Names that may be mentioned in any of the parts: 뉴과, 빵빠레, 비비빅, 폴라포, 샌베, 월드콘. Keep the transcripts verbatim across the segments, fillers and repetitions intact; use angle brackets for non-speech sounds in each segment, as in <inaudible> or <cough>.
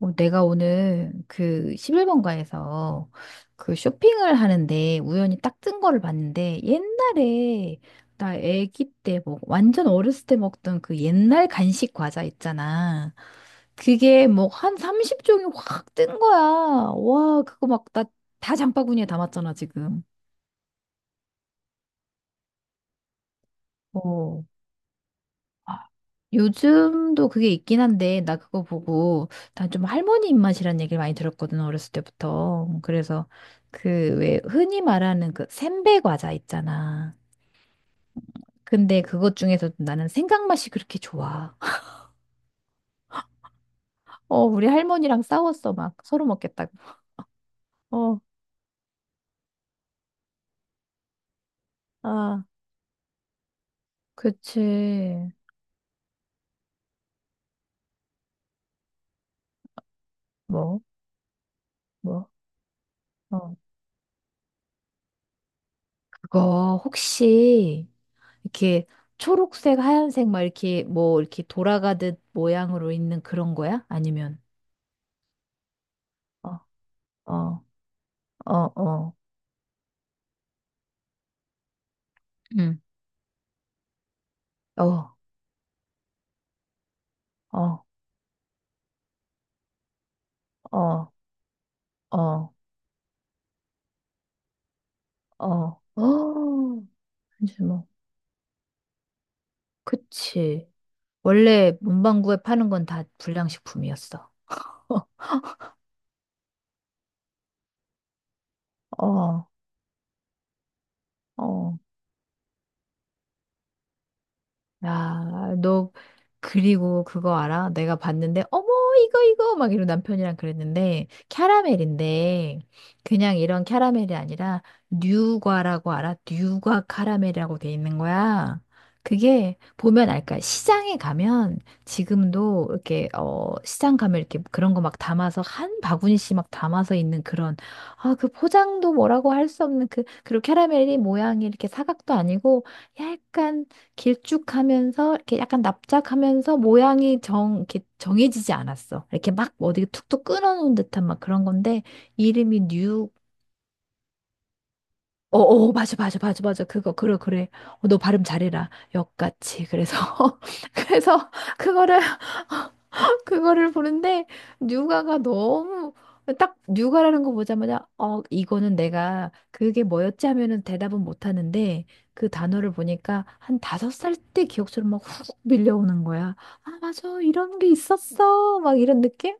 어, 내가 오늘 그 십일 번가에서 그 쇼핑을 하는데 우연히 딱 뜬 거를 봤는데, 옛날에 나 아기 때 먹, 완전 어렸을 때 먹던 그 옛날 간식 과자 있잖아. 그게 뭐 한 삼십 종이 확 뜬 거야. 와, 그거 막 나 다 장바구니에 담았잖아, 지금. 어. 요즘도 그게 있긴 한데, 나 그거 보고, 난 좀 할머니 입맛이란 얘기를 많이 들었거든, 어렸을 때부터. 그래서, 그, 왜, 흔히 말하는 그, 샌베 과자 있잖아. 근데 그것 중에서도 나는 생강 맛이 그렇게 좋아. <laughs> 어, 우리 할머니랑 싸웠어, 막. 서로 먹겠다고. 어, 아, 그치. 뭐, 뭐, 어. 그거, 혹시, 이렇게, 초록색, 하얀색, 막 이렇게, 뭐, 이렇게 돌아가듯 모양으로 있는 그런 거야? 아니면, 어, 어, 어, 어, 응. 어, 어, 어, 어, 어, 어, 한주뭐 그치. 원래 문방구에 파는 건 다 불량식품이었어. <laughs> 어, 어. 야, 너 그리고 그거 알아? 내가 봤는데, 어머, 이거 이거 막 이러고 남편이랑 그랬는데, 캐러멜인데 그냥 이런 캐러멜이 아니라 뉴과라고 알아? 뉴과 카라멜이라고 돼 있는 거야. 그게 보면 알까? 시장에 가면 지금도 이렇게, 어, 시장 가면 이렇게 그런 거 막 담아서 한 바구니씩 막 담아서 있는 그런, 아, 그 포장도 뭐라고 할 수 없는 그, 그리고 캐러멜이 모양이 이렇게 사각도 아니고 약간 길쭉하면서 이렇게 약간 납작하면서 모양이 정 이렇게 정해지지 않았어. 이렇게 막 뭐 어디 툭툭 끊어놓은 듯한 막 그런 건데 이름이 뉴. 어, 어, 맞아, 맞아, 맞아, 맞아. 그거, 그래, 그래. 어, 너 발음 잘해라. 역같이. 그래서, <laughs> 그래서, 그거를 <laughs> 그거를 보는데 뉴가가 너무 딱 뉴가라는 거 보자마자, 어, 이거는 내가 그게 뭐였지 하면은 대답은 못 하는데 그 단어를 보니까 한 다섯 살 때 기억처럼 막 훅 밀려오는 거야. 아, 맞아, 이런 게 있었어, 막 이런 느낌?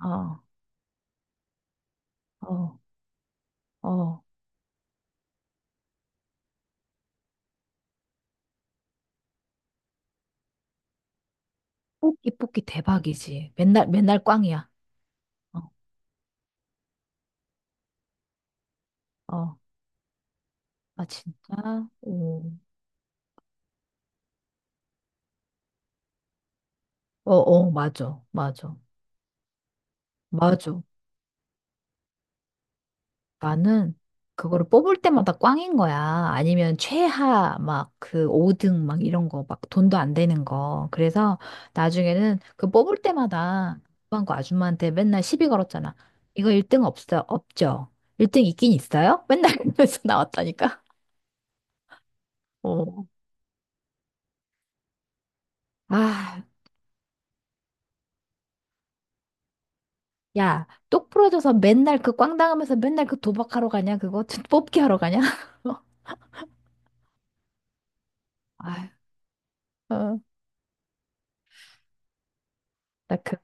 어, 어, 어, 뽑기, 뽑기 대박이지. 맨날 맨날 꽝이야. 어, 어, 아, 진짜? 오. 어, 어, 맞아, 맞아, 맞아. 나는 그거를 뽑을 때마다 꽝인 거야. 아니면 최하 막 그 오 등 막 이런 거 막 돈도 안 되는 거. 그래서 나중에는 그 뽑을 때마다 그거 아줌마한테 맨날 시비 걸었잖아. 이거 일 등 없어, 없죠? 일 등 있긴 있어요? 맨날 <laughs> 그러면서 나왔다니까. 어. 아, 야, 똑 부러져서 맨날 그 꽝 당하면서 맨날 그 도박하러 가냐? 그거 <laughs> 뽑기 하러 가냐? <laughs> 아휴, 어. 나 그,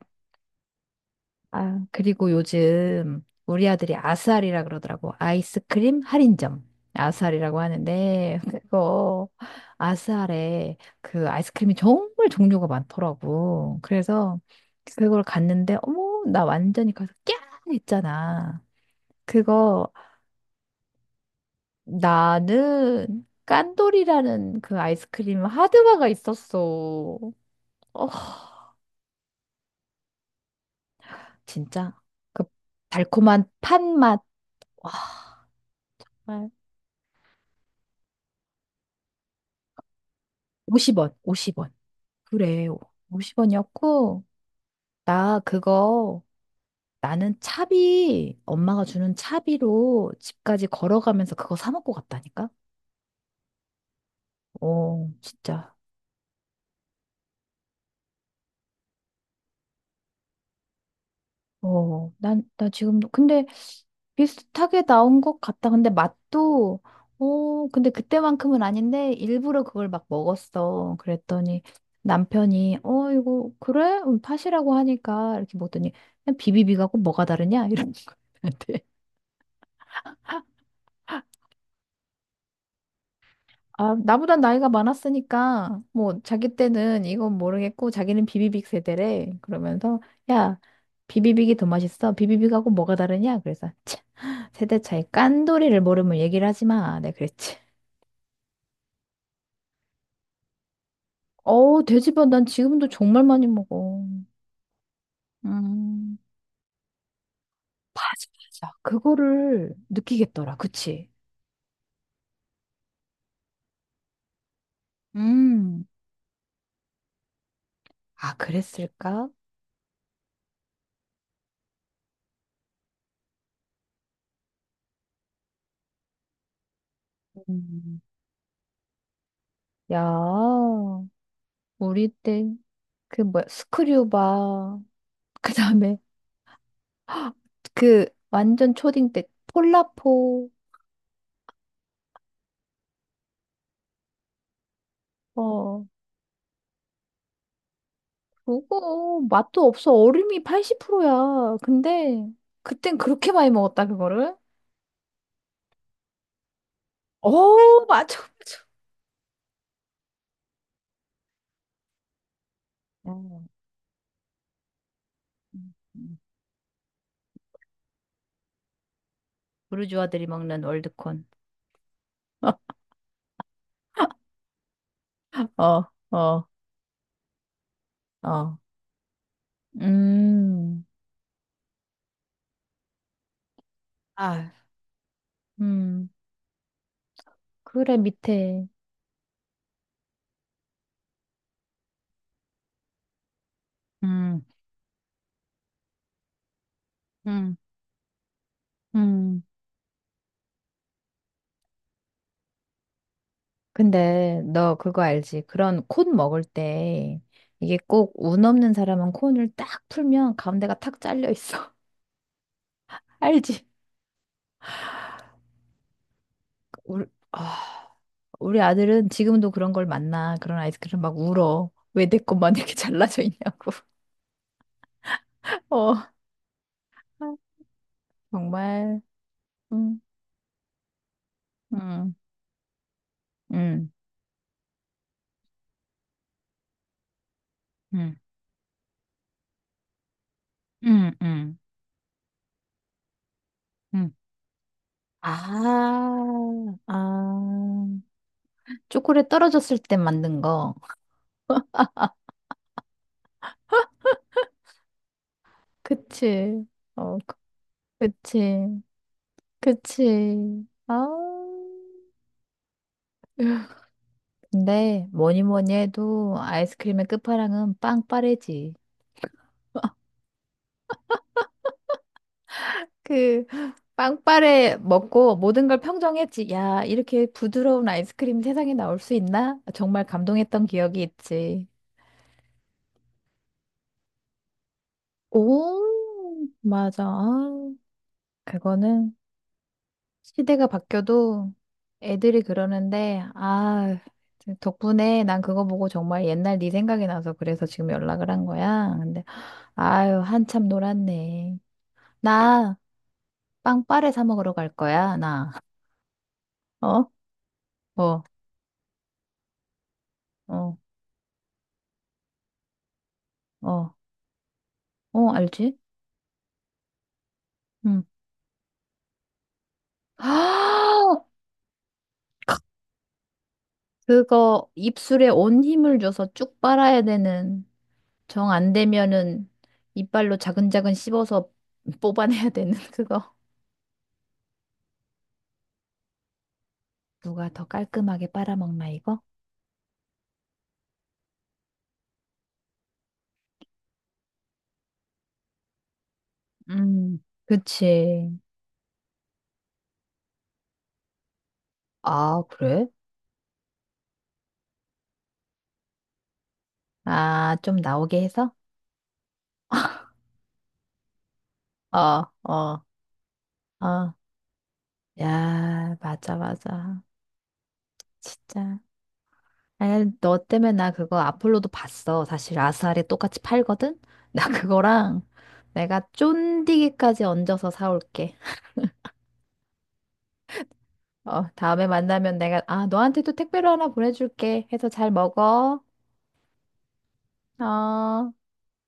아, 그리고 요즘 우리 아들이 아스알이라 그러더라고. 아이스크림 할인점. 아스알이라고 하는데, 그거, 아스알에 그 아이스크림이 정말 종류가 많더라고. 그래서 그걸 갔는데, 어머, 나 완전히 가서 꺄! 했잖아. 그거, 나는 깐돌이라는 그 아이스크림 하드바가 있었어. 어, 진짜. 그 달콤한 팥맛. 와, 오십 원, 오십 원. 그래, 오십 원이었고, 나 그거, 나는 차비, 엄마가 주는 차비로 집까지 걸어가면서 그거 사 먹고 갔다니까? 어, 진짜. 어, 난, 나 지금도, 근데 비슷하게 나온 것 같다. 근데 맛도, 어, 근데 그때만큼은 아닌데, 일부러 그걸 막 먹었어. 그랬더니 남편이, 어, 이거, 그래? 음, 팥이라고 하니까, 이렇게 먹더니, 그냥 비비비가 꼭 뭐가 다르냐? <laughs> 이런 거. 아, 나보단 나이가 많았으니까, 뭐, 자기 때는 이건 모르겠고, 자기는 비비빅 세대래. 그러면서, 야, 비비빅이 더 맛있어. 비비빅하고 뭐가 다르냐? 그래서, 차, 세대 차이 깐돌이를 모르면 얘기를 하지 마. 내가 그랬지. 어우, 돼지밥 난 지금도 정말 많이 먹어. 음, 맞아, 맞아. 그거를 느끼겠더라. 그치? 음, 아, 그랬을까? 음. 야, 우리 때, 그 뭐야, 스크류바. <laughs> 그 다음에, 그 완전 초딩 때 폴라포, 어, 그거 맛도 없어, 얼음이 팔십 프로야. 근데 그땐 그렇게 많이 먹었다, 그거를. 어, <laughs> 맞아, 맞아. 어, 음, 음. 부르주아들이 먹는 월드콘. 어, 어, 어. 음, 아, 음, 그래, 밑에. 음, 음, 음. 근데 너 그거 알지? 그런 콘 먹을 때 이게 꼭 운 없는 사람은 콘을 딱 풀면 가운데가 탁 잘려 있어. <laughs> 알지? 우리, 아, 우리 아들은 지금도 그런 걸 만나. 그런 아이스크림 막 울어. 왜 내 것만 이렇게 잘라져 있냐고. <laughs> 어, 정말. 응, 응, 응, 응, 응, 응. 응. 아, 아. 초콜릿 떨어졌을 때 만든 거. 그치. 어, 그- 그치. 그치. 아. 근데 뭐니 뭐니 해도 아이스크림의 끝판왕은 빵빠레지. 그 빵빠레 먹고 모든 걸 평정했지. 야, 이렇게 부드러운 아이스크림 세상에 나올 수 있나? 정말 감동했던 기억이 있지. 오, 맞아. 아, 그거는 시대가 바뀌어도 애들이 그러는데, 아, 덕분에 난 그거 보고 정말 옛날 네 생각이 나서 그래서 지금 연락을 한 거야. 근데, 아유, 한참 놀았네. 나 빵빠레 사 먹으러 갈 거야, 나. <laughs> 어? 어, 어, 어, 어, 알지? 응. <gasps> 그거 입술에 온 힘을 줘서 쭉 빨아야 되는, 정 안 되면은 이빨로 자근자근 씹어서 <laughs> 뽑아내야 되는 그거. 누가 더 깔끔하게 빨아먹나 이거? 음, 그치. 아, 그래? 아, 좀 나오게 해서? 어, 어, 어. 야, 맞아, 맞아. 진짜. 아니, 너 때문에 나 그거 아폴로도 봤어. 사실 아스알에 똑같이 팔거든? <laughs> 나 그거랑 내가 쫀디기까지 얹어서 사올게. 어, 다음에 만나면 내가, 아, 너한테도 택배로 하나 보내줄게. 해서 잘 먹어. 어.